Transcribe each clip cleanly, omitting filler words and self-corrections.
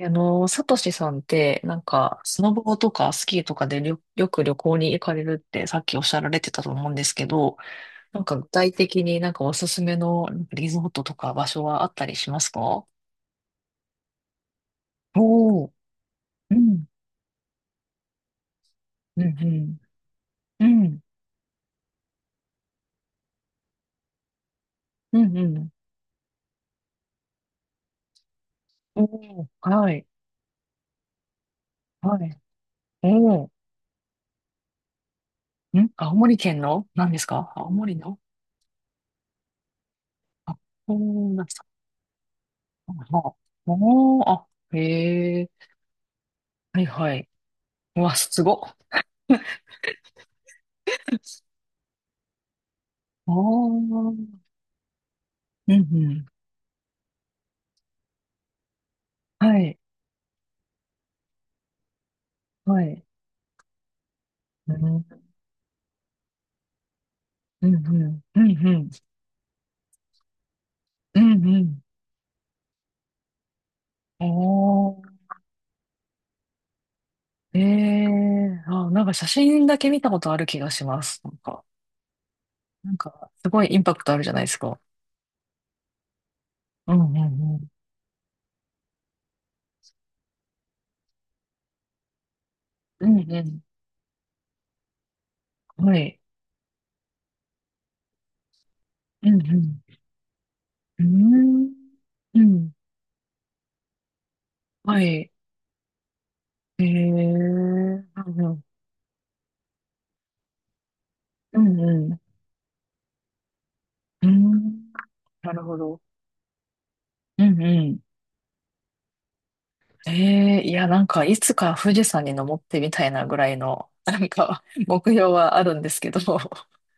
サトシさんって、スノボとかスキーとかでりょよく旅行に行かれるってさっきおっしゃられてたと思うんですけど、具体的におすすめのリゾートとか場所はあったりしますか？おー、うん、うん、うん、うん、うん、うん。おー、はい、はい。おー、ん青森県の何ですか？青森の、あ、おー、なんですか？あ、おー、あ、へえ、はい、はい。うわ、すごっ。ああ、うんうん。はい。はい。うん。うんうん。うんうん。うんうん。おー。ええー。あ、写真だけ見たことある気がします。すごいインパクトあるじゃないですか。うんうんうん。うんうん。はい。うんうん。うーん。うん。はい。ええー。うんうん。うんうん。うーん。なるほど。うんうん。ええいや、いつか富士山に登ってみたいなぐらいの、目標はあるんですけど、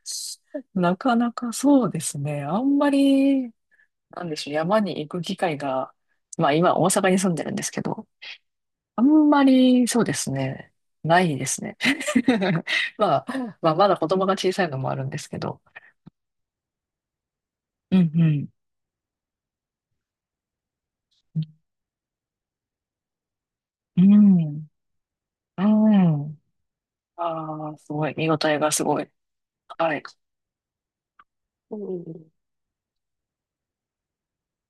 なかなかそうですね。あんまり、なんでしょう、山に行く機会が、まあ今、大阪に住んでるんですけど、あんまり、そうですね、ないですね。まあ、まあ、まだ子供が小さいのもあるんですけど、うんうん。うん。うん。ああ、すごい。見応えがすごい。はい。うん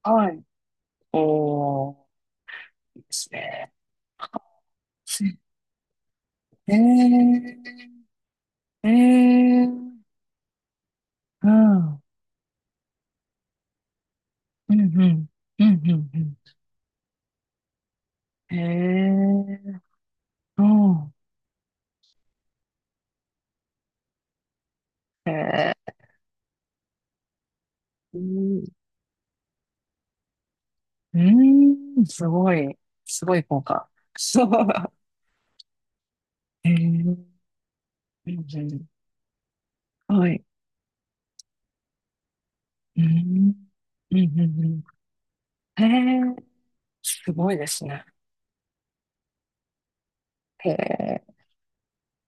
はい。おー。ですね。ええ、えーうん、うん、うん、うん、うん。ええ、うん、ええ、うん、うん、すごい、すごい効果。そう。ええ、うんうん、はい、うん、うん。えーすごいですね。へえ、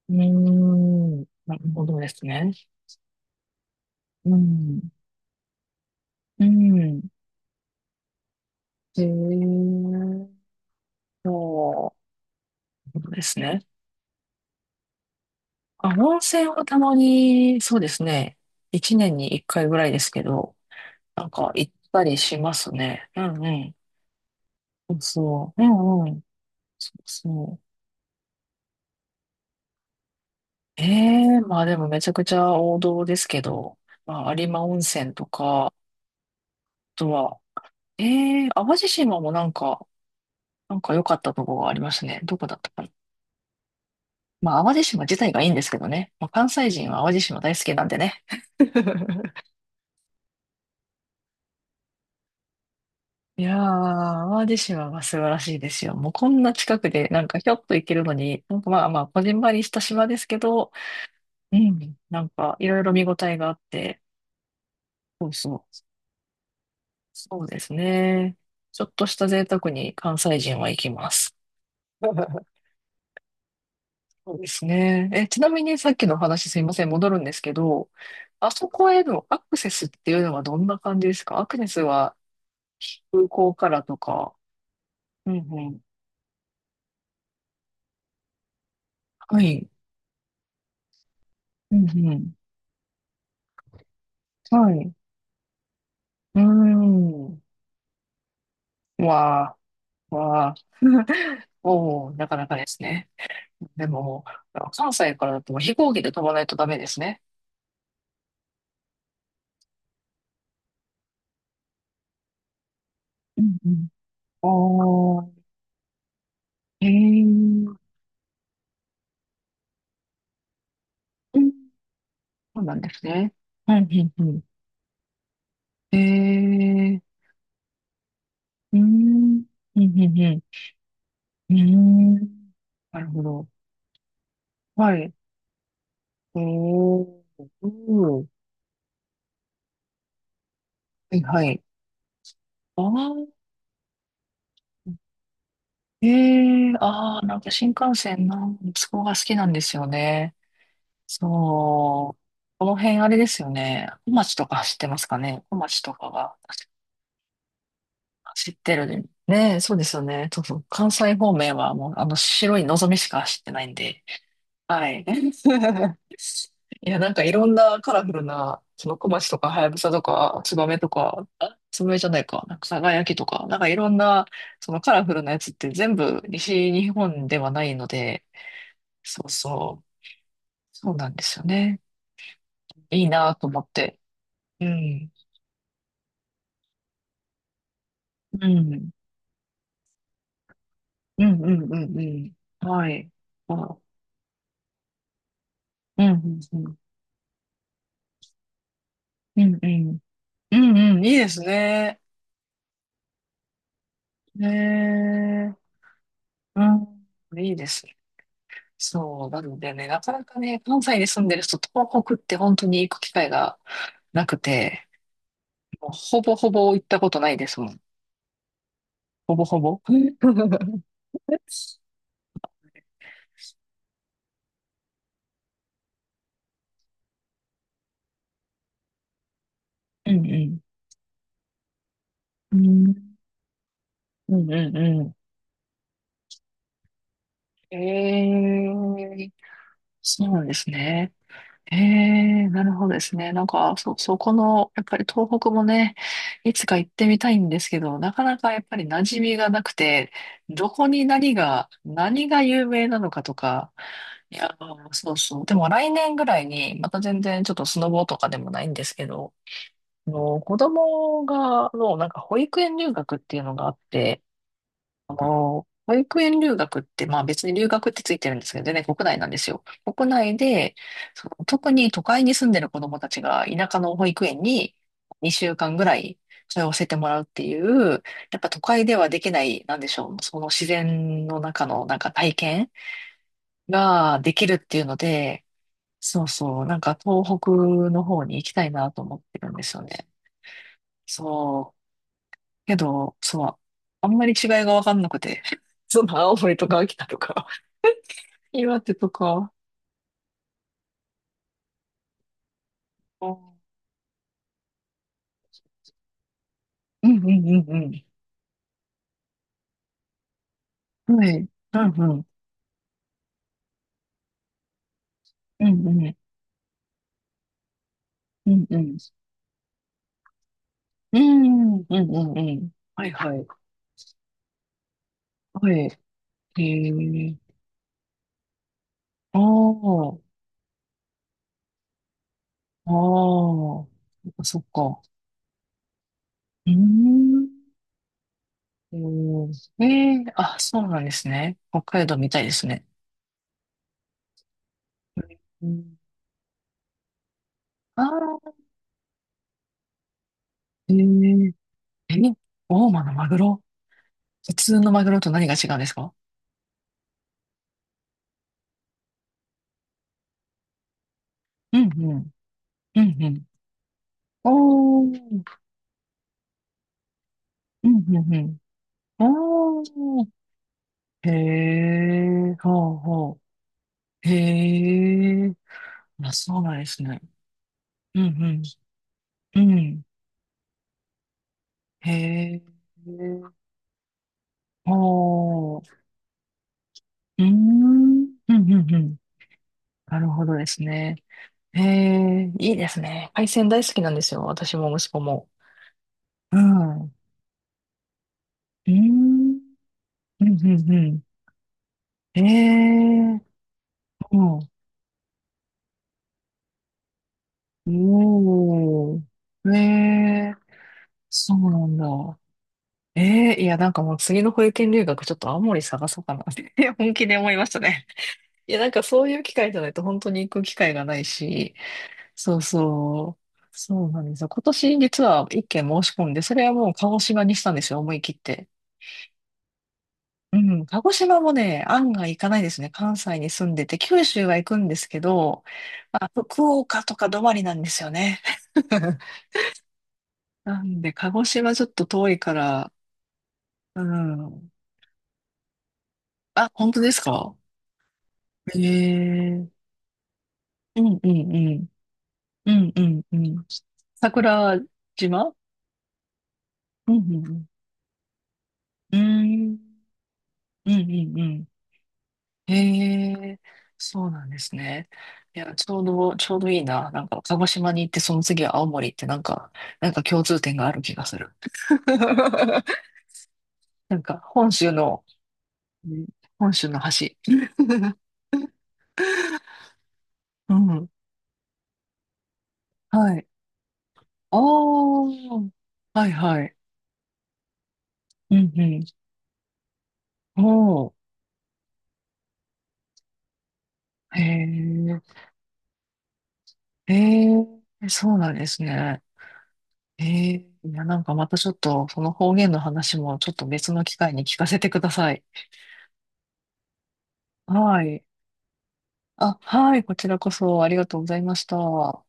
うーん、なるほどですね。うん、うん、へえ、そう、なるほどですね。あ、温泉はたまに、そうですね。一年に一回ぐらいですけど、行ったりしますね。うんうん。そうそう。うんうん。そうそう。ええまあでもめちゃくちゃ王道ですけど、まあ、有馬温泉とか、あとは、ええ淡路島も良かったとこがありましたね。どこだったかな。まあ淡路島自体がいいんですけどね。まあ、関西人は淡路島大好きなんでね。いやー、淡路島は素晴らしいですよ。もうこんな近くで、ひょっと行けるのに、まあまあ、こじんまりした島ですけど、うん、いろいろ見応えがあって、そうそう、そうですね。ちょっとした贅沢に関西人は行きます。そうですね。え、ちなみにさっきのお話すいません、戻るんですけど、あそこへのアクセスっていうのはどんな感じですか？アクセスは空港からとか。うんうん。はい。うんうん。はい。うーん。わあ、わあ、おお、なかなかですね。でも、関西からだと飛行機で飛ばないとダメですね。うんうん。おお、へえ、うんそうなんですね。うん、うん、うん。へえ、うん、うん。うんなるほど。はい。おお。うん。はい、はい。ああ、へえ、ああ、新幹線の息子が好きなんですよね。そう。この辺あれですよね。小町とか走ってますかね。小町とかが走ってる。ねえ、そうですよね。そうそう。関西方面はもうあの白いのぞみしか走ってないんで。はい。いや、いろんなカラフルな、その小町とか、はやぶさとか、つばめとか、あ、つばめじゃないか、さがやきとか、いろんな、そのカラフルなやつって全部西日本ではないので、そうそう、そうなんですよね。いいなと思って。うん。うん。うんうんうんうん。はい。あ、うんうんうん。うんうん。うんうん。いいですね。へえ。うん。いいです。そう。なのでね、なかなかね、関西に住んでる人、東北って本当に行く機会がなくて、もうほぼほぼ行ったことないですもん。ほぼほぼ。うんうん。うん。うんうんうん。ええ、そうなんですね。ええ、なるほどですね。そこの、やっぱり東北もね、いつか行ってみたいんですけど、なかなかやっぱり馴染みがなくて、どこに何が、何が有名なのかとか、いや、そうそう。でも来年ぐらいに、また全然ちょっとスノボとかでもないんですけど、子供が、の、なんか保育園留学っていうのがあって、あの、保育園留学って、まあ別に留学ってついてるんですけど、全然国内なんですよ。国内で、その特に都会に住んでる子供たちが田舎の保育園に2週間ぐらい通わせてもらうっていう、やっぱ都会ではできない、なんでしょう、その自然の中の体験ができるっていうので、そうそう、東北の方に行きたいなと思ってるんですよね。そう。けど、そう、あんまり違いがわかんなくて、その青森とか秋田とか岩手とか。あーうんうんうんうんはい。うん。うんうん。うんうん。うんうん。うんうんうん。はいはい。はい。へえ。ああ。ああ。そっか。うーん。おーええあ、そうなんですね。北海道みたいですね。うん、ああ。えええ、大間のマグロ。普通のマグロと何が違うんですか？うんうん。うんうん。おー。うんうんうん。おー。へえ、ほうほう。へえ、あ、そうなんですね。うんうん。うん。へえ、ほう。うーん。うんうんうん。なるほどですね。へえ、いいですね。海鮮大好きなんですよ。私も息子も。うん。うーん。うんうんうん。へえ、うん。おー。へえ、そうなんだ。ええいや、なんかもう次の保育園留学ちょっと青森探そうかなって 本気で思いましたね。いや、そういう機会じゃないと本当に行く機会がないし、そうそう、そうなんですよ。今年実は一件申し込んで、それはもう鹿児島にしたんですよ、思い切って。うん、鹿児島もね、案外行かないですね。関西に住んでて、九州は行くんですけど、まあ、福岡とか止まりなんですよね。なんで、鹿児島ちょっと遠いから、うん。あ、本当ですか？ええうんうんうん。うんうんうん。桜島うんうんうん。うん。うんうんうん。へえ、そうなんですね。いや、ちょうどいいな。なんか、鹿児島に行って、その次は青森ってなんか、なんか共通点がある気がする。なんか、本州の、うん本州の橋 うん。はい。ああ、はいはい。うんうん。おー、へえ。ええ、そうなんですね。ええ、いや、またちょっと、その方言の話もちょっと別の機会に聞かせてください。はい。あ、はい、こちらこそありがとうございました。